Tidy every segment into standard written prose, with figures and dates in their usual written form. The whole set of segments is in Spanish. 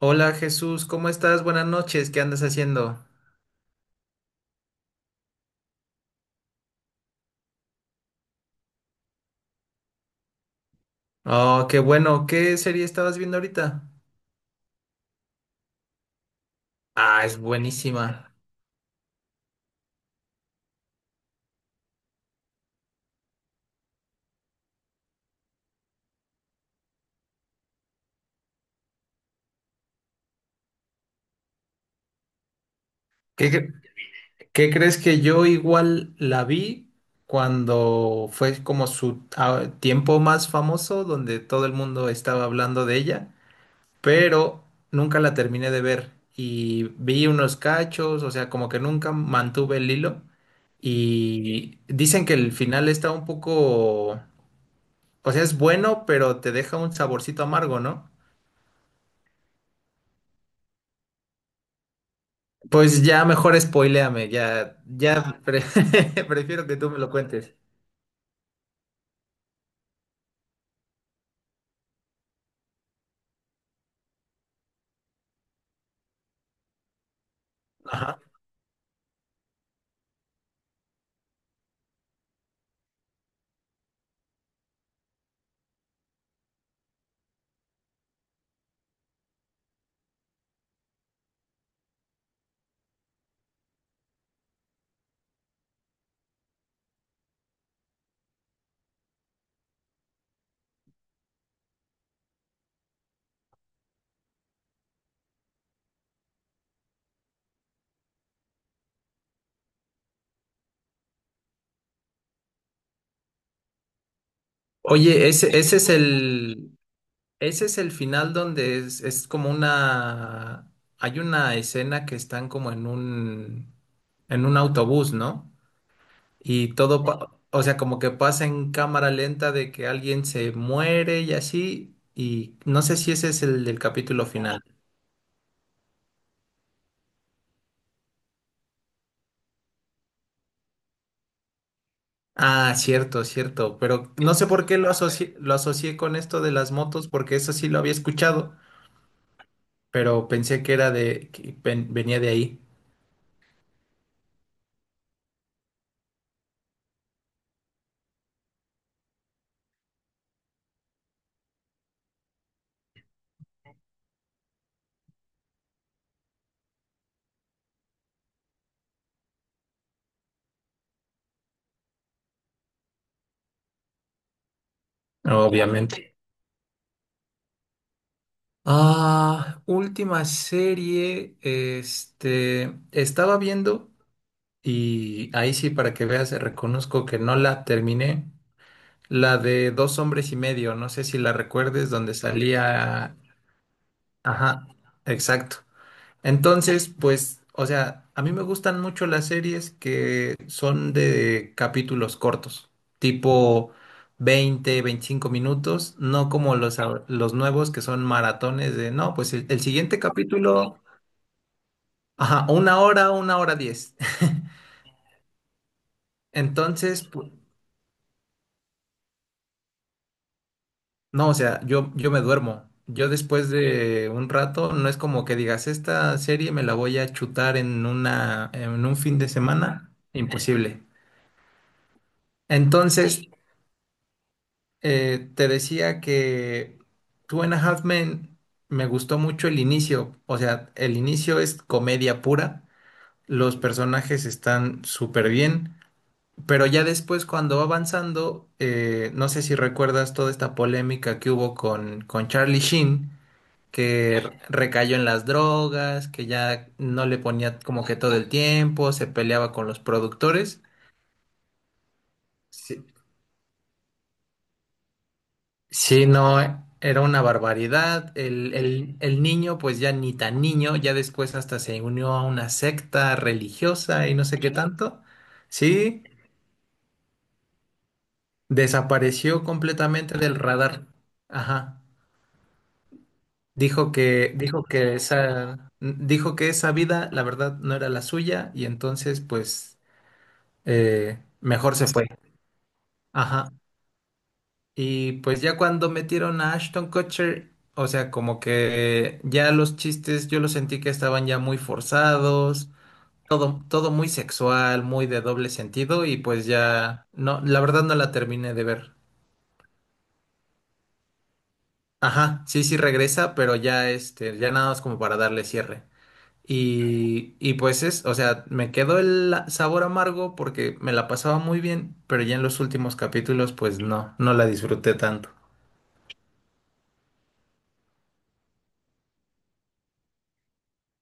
Hola Jesús, ¿cómo estás? Buenas noches, ¿qué andas haciendo? Oh, qué bueno, ¿qué serie estabas viendo ahorita? Ah, es buenísima. ¿Qué, cre- qué crees que yo igual la vi cuando fue como su tiempo más famoso, donde todo el mundo estaba hablando de ella, pero nunca la terminé de ver y vi unos cachos, o sea, como que nunca mantuve el hilo y dicen que el final está un poco. O sea, es bueno, pero te deja un saborcito amargo, ¿no? Pues ya mejor spoiléame, prefiero que tú me lo cuentes. Ajá. Oye, ese es el final donde es como hay una escena que están como en un autobús, ¿no? Y todo, o sea, como que pasa en cámara lenta de que alguien se muere y así, y no sé si ese es el del capítulo final. Ah, cierto, cierto, pero no sé por qué lo asocié con esto de las motos, porque eso sí lo había escuchado, pero pensé que era de, que venía de ahí, obviamente. Ah, última serie, estaba viendo, y ahí sí, para que veas, reconozco que no la terminé, la de Dos hombres y medio, no sé si la recuerdes, donde salía, ajá, exacto. Entonces, pues, o sea, a mí me gustan mucho las series que son de capítulos cortos, tipo 20 25 minutos, no como los nuevos que son maratones de, no, pues el siguiente capítulo, ajá, una hora diez. Entonces, no, o sea, yo me duermo. Yo después de un rato, no es como que digas, esta serie me la voy a chutar en una, en un fin de semana. Imposible. Entonces, te decía que Two and a Half Men me gustó mucho el inicio. O sea, el inicio es comedia pura. Los personajes están súper bien. Pero ya después, cuando va avanzando, no sé si recuerdas toda esta polémica que hubo con Charlie Sheen, que recayó en las drogas, que ya no le ponía como que todo el tiempo, se peleaba con los productores. Sí, sí, no, era una barbaridad. El niño, pues ya ni tan niño, ya después hasta se unió a una secta religiosa y no sé qué, sí, tanto. Sí, desapareció completamente del radar. Ajá. Dijo que esa vida, la verdad, no era la suya, y entonces, pues, mejor se fue. Ajá. Y pues ya cuando metieron a Ashton Kutcher, o sea, como que ya los chistes yo los sentí que estaban ya muy forzados, todo, todo muy sexual, muy de doble sentido y pues ya no, la verdad no la terminé de ver. Ajá, sí, sí regresa, pero ya ya nada más como para darle cierre. Y pues o sea, me quedó el sabor amargo porque me la pasaba muy bien, pero ya en los últimos capítulos pues no, no la disfruté tanto.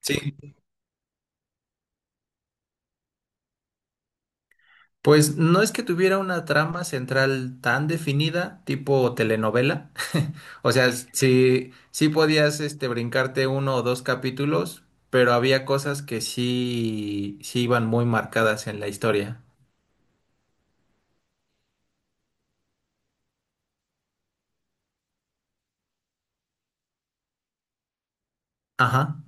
Sí, pues no es que tuviera una trama central tan definida, tipo telenovela. O sea, sí, sí podías brincarte uno o dos capítulos, pero había cosas que sí, sí iban muy marcadas en la historia. Ajá.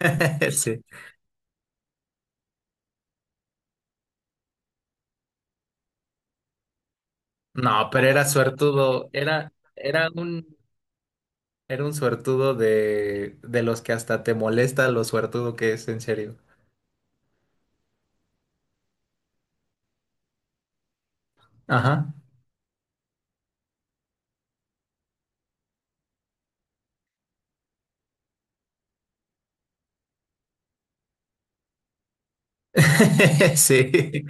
Sí. No, pero era suertudo, era un suertudo de los que hasta te molesta lo suertudo que es, en serio. Ajá. Sí.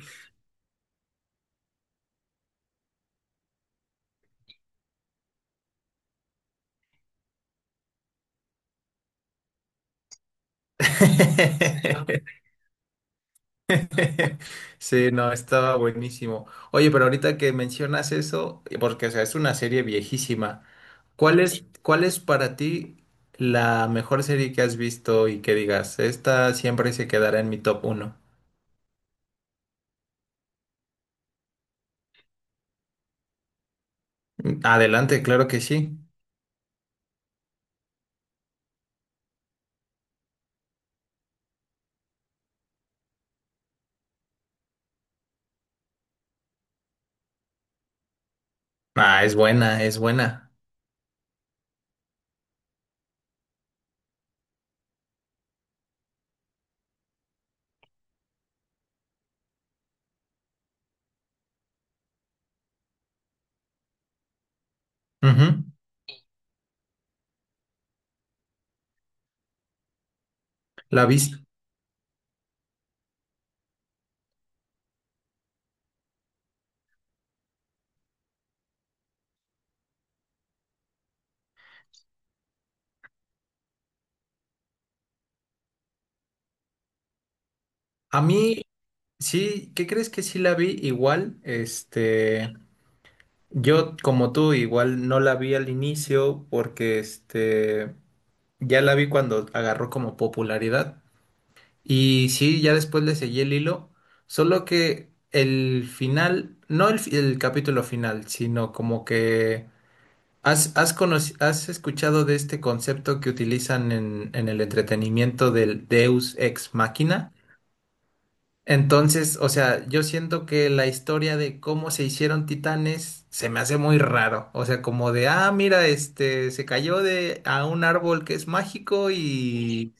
Sí, no, estaba buenísimo. Oye, pero ahorita que mencionas eso, porque o sea, es una serie viejísima, ¿cuál es para ti la mejor serie que has visto y que digas, esta siempre se quedará en mi top 1? Adelante, claro que sí. Ah, es buena, es buena. Ujú. La viste. A mí, sí, ¿qué crees que sí la vi? Igual, yo como tú, igual no la vi al inicio porque. Ya la vi cuando agarró como popularidad. Y sí, ya después le seguí el hilo. Solo que el final, no el capítulo final, sino como que has escuchado de este concepto que utilizan en el entretenimiento del Deus Ex Machina. Entonces, o sea, yo siento que la historia de cómo se hicieron titanes se me hace muy raro. O sea, como de, ah, mira, este se cayó de a un árbol que es mágico y,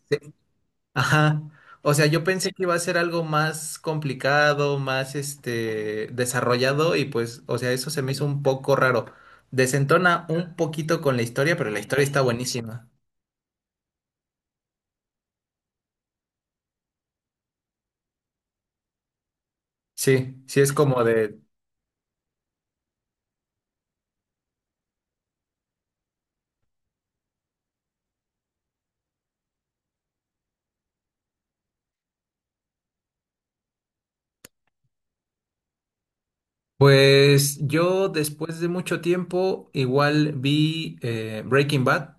ajá. O sea, yo pensé que iba a ser algo más complicado, más desarrollado y pues, o sea, eso se me hizo un poco raro. Desentona un poquito con la historia, pero la historia está buenísima. Sí, sí es como de. Pues yo después de mucho tiempo igual vi Breaking Bad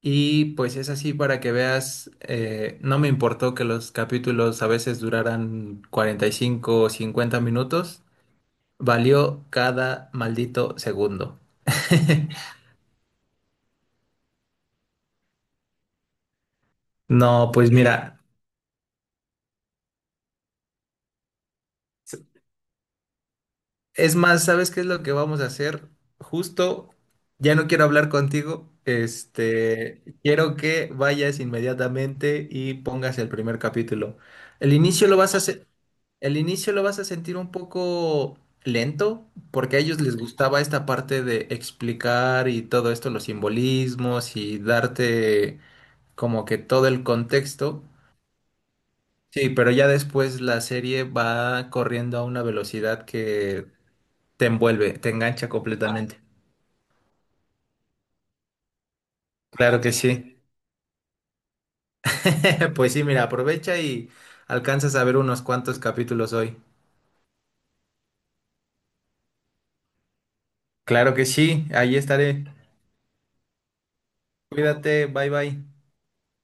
y pues es así para que veas, no me importó que los capítulos a veces duraran 45 o 50 minutos. Valió cada maldito segundo. No, pues mira, es más, ¿sabes qué es lo que vamos a hacer? Justo, ya no quiero hablar contigo, quiero que vayas inmediatamente y pongas el primer capítulo. El inicio lo vas a se- el inicio lo vas a sentir un poco lento, porque a ellos les gustaba esta parte de explicar y todo esto, los simbolismos y darte como que todo el contexto. Sí, pero ya después la serie va corriendo a una velocidad que te envuelve, te engancha completamente. Claro que sí. Pues sí, mira, aprovecha y alcanzas a ver unos cuantos capítulos hoy. Claro que sí, ahí estaré. Cuídate, bye bye.